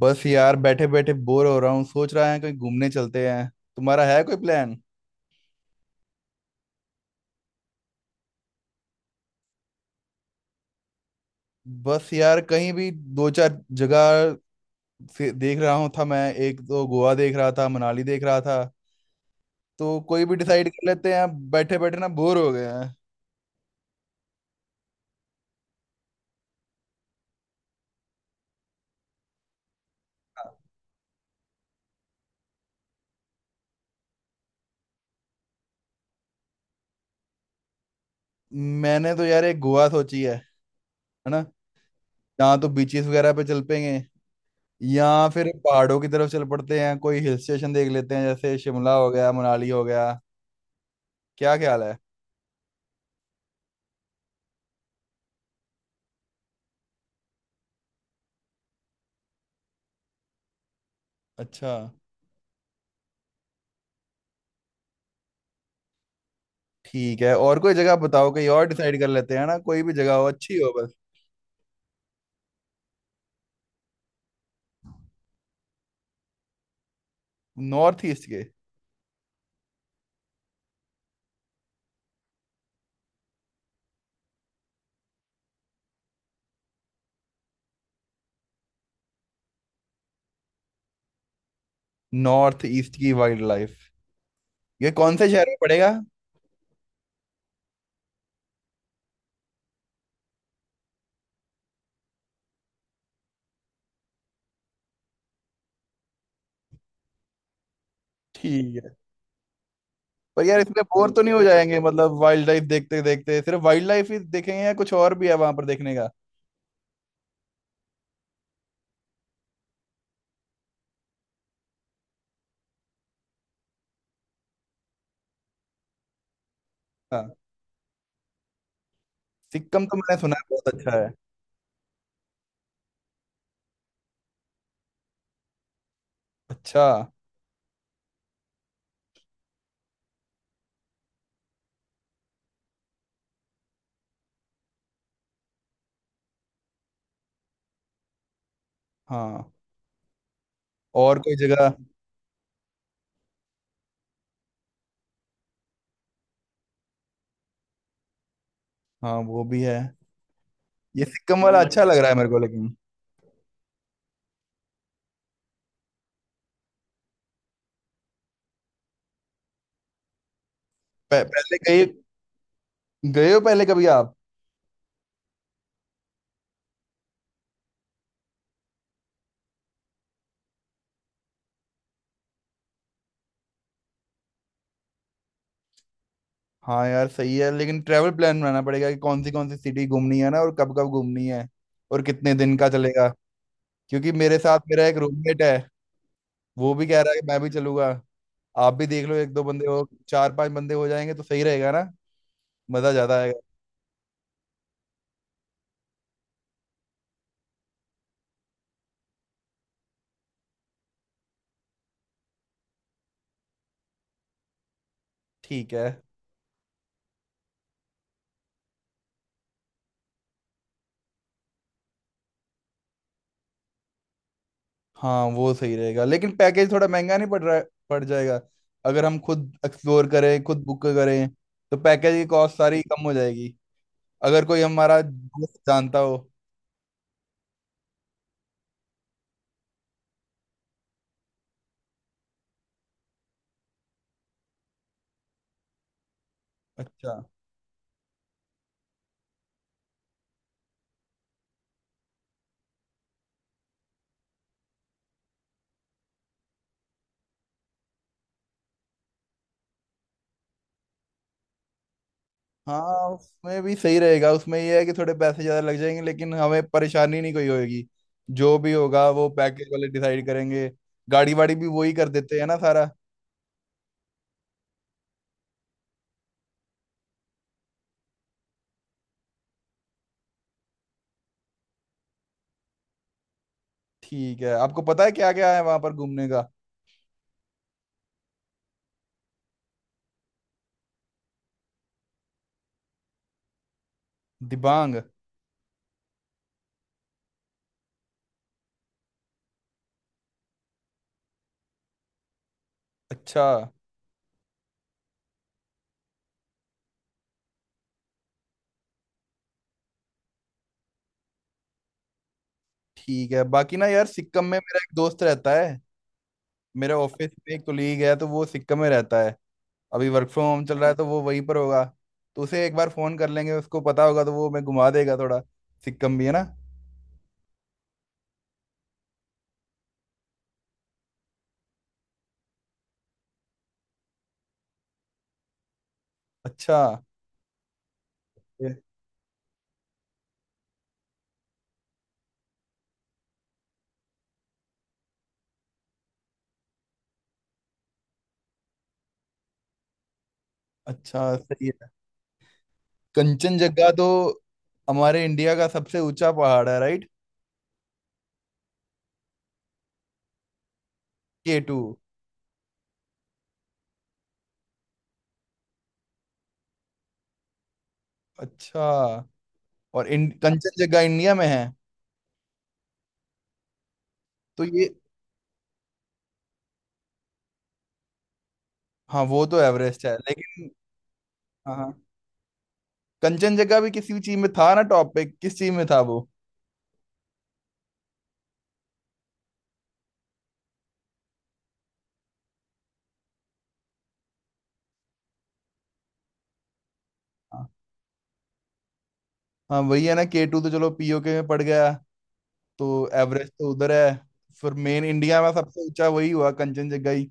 बस यार बैठे बैठे बोर हो रहा हूँ। सोच रहा है कहीं घूमने चलते हैं। तुम्हारा है कोई प्लान? बस यार कहीं भी 2-4 जगह से देख रहा हूँ था मैं। एक तो गोवा देख रहा था, मनाली देख रहा था। तो कोई भी डिसाइड कर लेते हैं, बैठे बैठे ना बोर हो गए हैं। मैंने तो यार एक गोवा सोची है ना? यहाँ तो बीचेस वगैरह पे चल पेंगे या फिर पहाड़ों की तरफ चल पड़ते हैं, कोई हिल स्टेशन देख लेते हैं, जैसे शिमला हो गया, मनाली हो गया। क्या ख्याल है? अच्छा, ठीक है। और कोई जगह बताओ, कहीं और डिसाइड कर लेते हैं ना। कोई भी जगह हो, अच्छी हो बस। नॉर्थ ईस्ट के? नॉर्थ ईस्ट की वाइल्ड लाइफ? ये कौन से शहर में पड़ेगा? ठीक है, पर यार इसमें बोर तो नहीं हो जाएंगे? मतलब वाइल्ड लाइफ देखते देखते सिर्फ वाइल्ड लाइफ ही देखेंगे या कुछ और भी है वहां पर देखने का? हाँ, सिक्किम तो मैंने सुना है बहुत अच्छा है। अच्छा। हाँ। और कोई जगह? हाँ वो भी है। ये सिक्किम वाला अच्छा लग रहा है मेरे को, लेकिन पहले गए? गए हो पहले कभी आप? हाँ यार सही है, लेकिन ट्रैवल प्लान बनाना पड़ेगा कि कौन सी सिटी घूमनी है ना, और कब कब घूमनी है, और कितने दिन का चलेगा। क्योंकि मेरे साथ मेरा एक रूममेट है, वो भी कह रहा है कि मैं भी चलूंगा। आप भी देख लो, एक दो बंदे हो, चार पांच बंदे हो जाएंगे तो सही रहेगा ना, मजा ज्यादा आएगा। ठीक है। हाँ वो सही रहेगा, लेकिन पैकेज थोड़ा महंगा नहीं पड़ रहा, पड़ जाएगा? अगर हम खुद एक्सप्लोर करें, खुद बुक करें तो पैकेज की कॉस्ट सारी कम हो जाएगी, अगर कोई हमारा दोस्त जानता हो। अच्छा। हाँ उसमें भी सही रहेगा, उसमें ये है कि थोड़े पैसे ज्यादा लग जाएंगे, लेकिन हमें परेशानी नहीं कोई होगी। जो भी होगा वो पैकेज वाले डिसाइड करेंगे। गाड़ी वाड़ी भी वही कर देते हैं ना सारा। ठीक है, आपको पता है क्या क्या है वहां पर घूमने का? दिबांग? अच्छा। ठीक है, बाकी ना यार सिक्किम में मेरा एक दोस्त रहता है। मेरे ऑफिस में एक कोलीग है तो वो सिक्किम में रहता है। अभी वर्क फ्रॉम होम चल रहा है तो वो वहीं पर होगा। तो उसे एक बार फोन कर लेंगे, उसको पता होगा, तो वो हमें घुमा देगा थोड़ा सिक्किम भी, है ना? अच्छा। अच्छा सही है। कंचनजंगा तो हमारे इंडिया का सबसे ऊंचा पहाड़ है, राइट? K two? अच्छा, और कंचनजंगा इंडिया में है? तो ये? हाँ वो तो एवरेस्ट है, लेकिन हाँ। हाँ कंचनजंगा भी किसी चीज में था ना, टॉप पे? किस चीज में था वो? हाँ। हाँ, वही है ना के टू, तो चलो पीओके में पड़ गया। तो एवरेस्ट तो उधर है, फिर मेन इंडिया में सबसे ऊंचा वही हुआ, कंचनजंगा ही।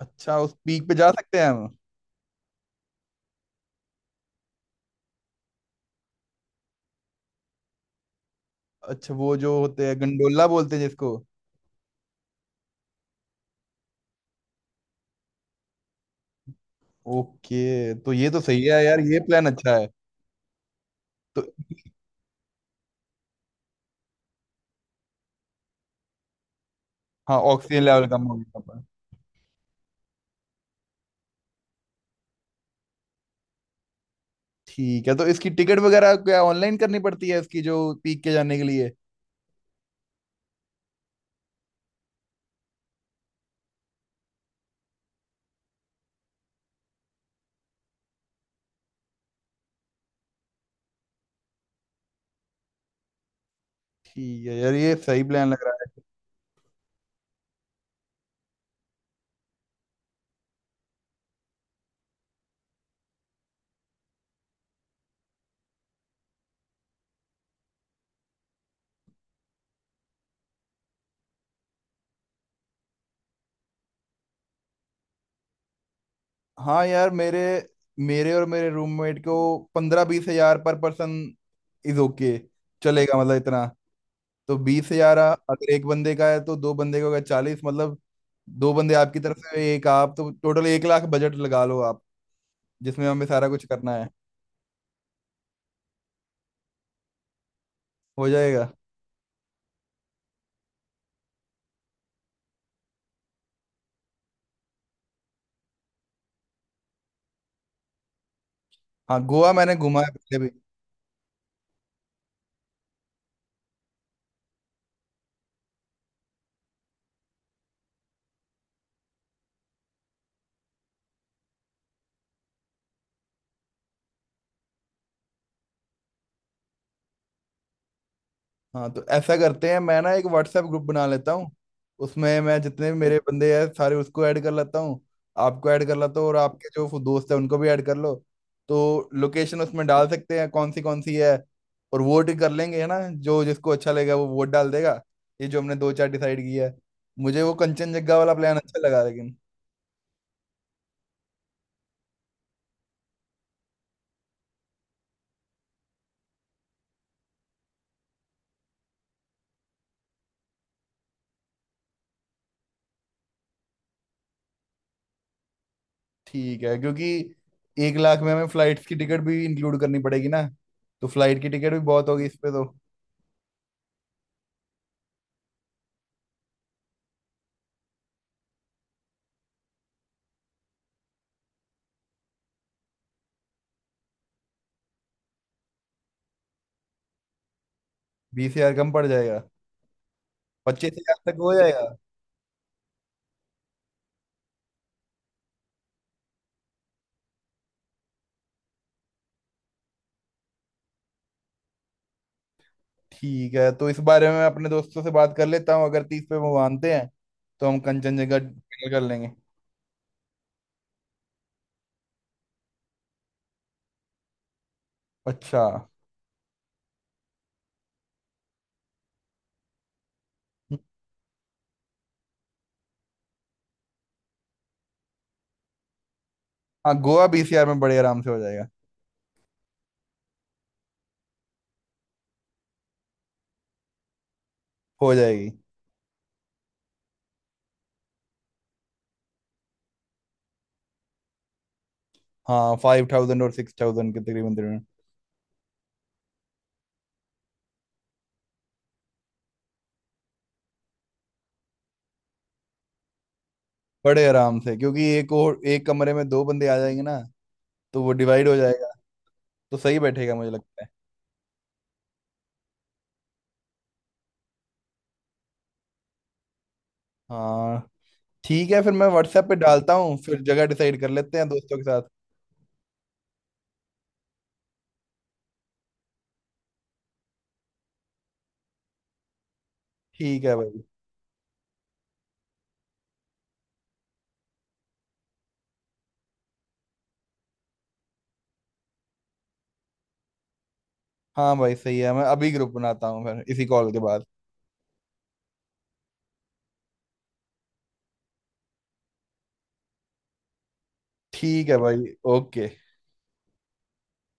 अच्छा उस पीक पे जा सकते हैं हम? अच्छा वो जो होते हैं, गंडोला बोलते हैं जिसको। ओके तो ये तो सही है यार, ये प्लान अच्छा है। तो हाँ ऑक्सीजन लेवल कम हो गया, पर ठीक है। तो इसकी टिकट वगैरह क्या ऑनलाइन करनी पड़ती है, इसकी जो पीक के जाने के लिए? ठीक है यार, ये सही प्लान लग रहा है। हाँ यार मेरे मेरे और मेरे रूममेट को 15-20 हजार पर पर्सन इज ओके, चलेगा मतलब इतना। तो 20 हजार अगर एक बंदे का है तो दो बंदे का होगा 40 मतलब। दो बंदे आपकी तरफ से, एक आप, तो टोटल 1 लाख बजट लगा लो आप, जिसमें हमें सारा कुछ करना है। हो जाएगा। हाँ गोवा मैंने घुमा है पहले भी। हाँ तो ऐसा करते हैं, मैं ना एक व्हाट्सएप ग्रुप बना लेता हूँ। उसमें मैं जितने भी मेरे बंदे हैं सारे उसको ऐड कर लेता हूँ, आपको ऐड कर लेता हूँ, और आपके जो दोस्त हैं उनको भी ऐड कर लो। तो लोकेशन उसमें डाल सकते हैं कौन सी है, और वोट कर लेंगे, है ना। जो जिसको अच्छा लगेगा वो वोट डाल देगा, ये जो हमने 2-4 डिसाइड किया है। मुझे वो कंचनजंगा वाला प्लान अच्छा लगा, लेकिन ठीक है। क्योंकि 1 लाख में हमें फ्लाइट्स की टिकट भी इंक्लूड करनी पड़ेगी ना, तो फ्लाइट की टिकट भी बहुत होगी इस पे तो। 20 हजार कम पड़ जाएगा, 25 हजार तक हो जाएगा। ठीक है, तो इस बारे में मैं अपने दोस्तों से बात कर लेता हूँ, अगर 30 पे वो मानते हैं तो हम कंचनजंगा final कर लेंगे। अच्छा। हाँ गोवा 20 हजार में बड़े आराम से हो जाएगा। हो जाएगी। हाँ 5000 और 6000 के तकरीबन तकरीबन। बड़े आराम से, क्योंकि एक और एक कमरे में दो बंदे आ जाएंगे ना, तो वो डिवाइड हो जाएगा। तो सही बैठेगा मुझे लगता है। हाँ ठीक है, फिर मैं व्हाट्सएप पे डालता हूँ, फिर जगह डिसाइड कर लेते हैं दोस्तों के साथ। ठीक है भाई। हाँ भाई सही है, मैं अभी ग्रुप बनाता हूँ फिर इसी कॉल के बाद। ठीक है भाई। ओके।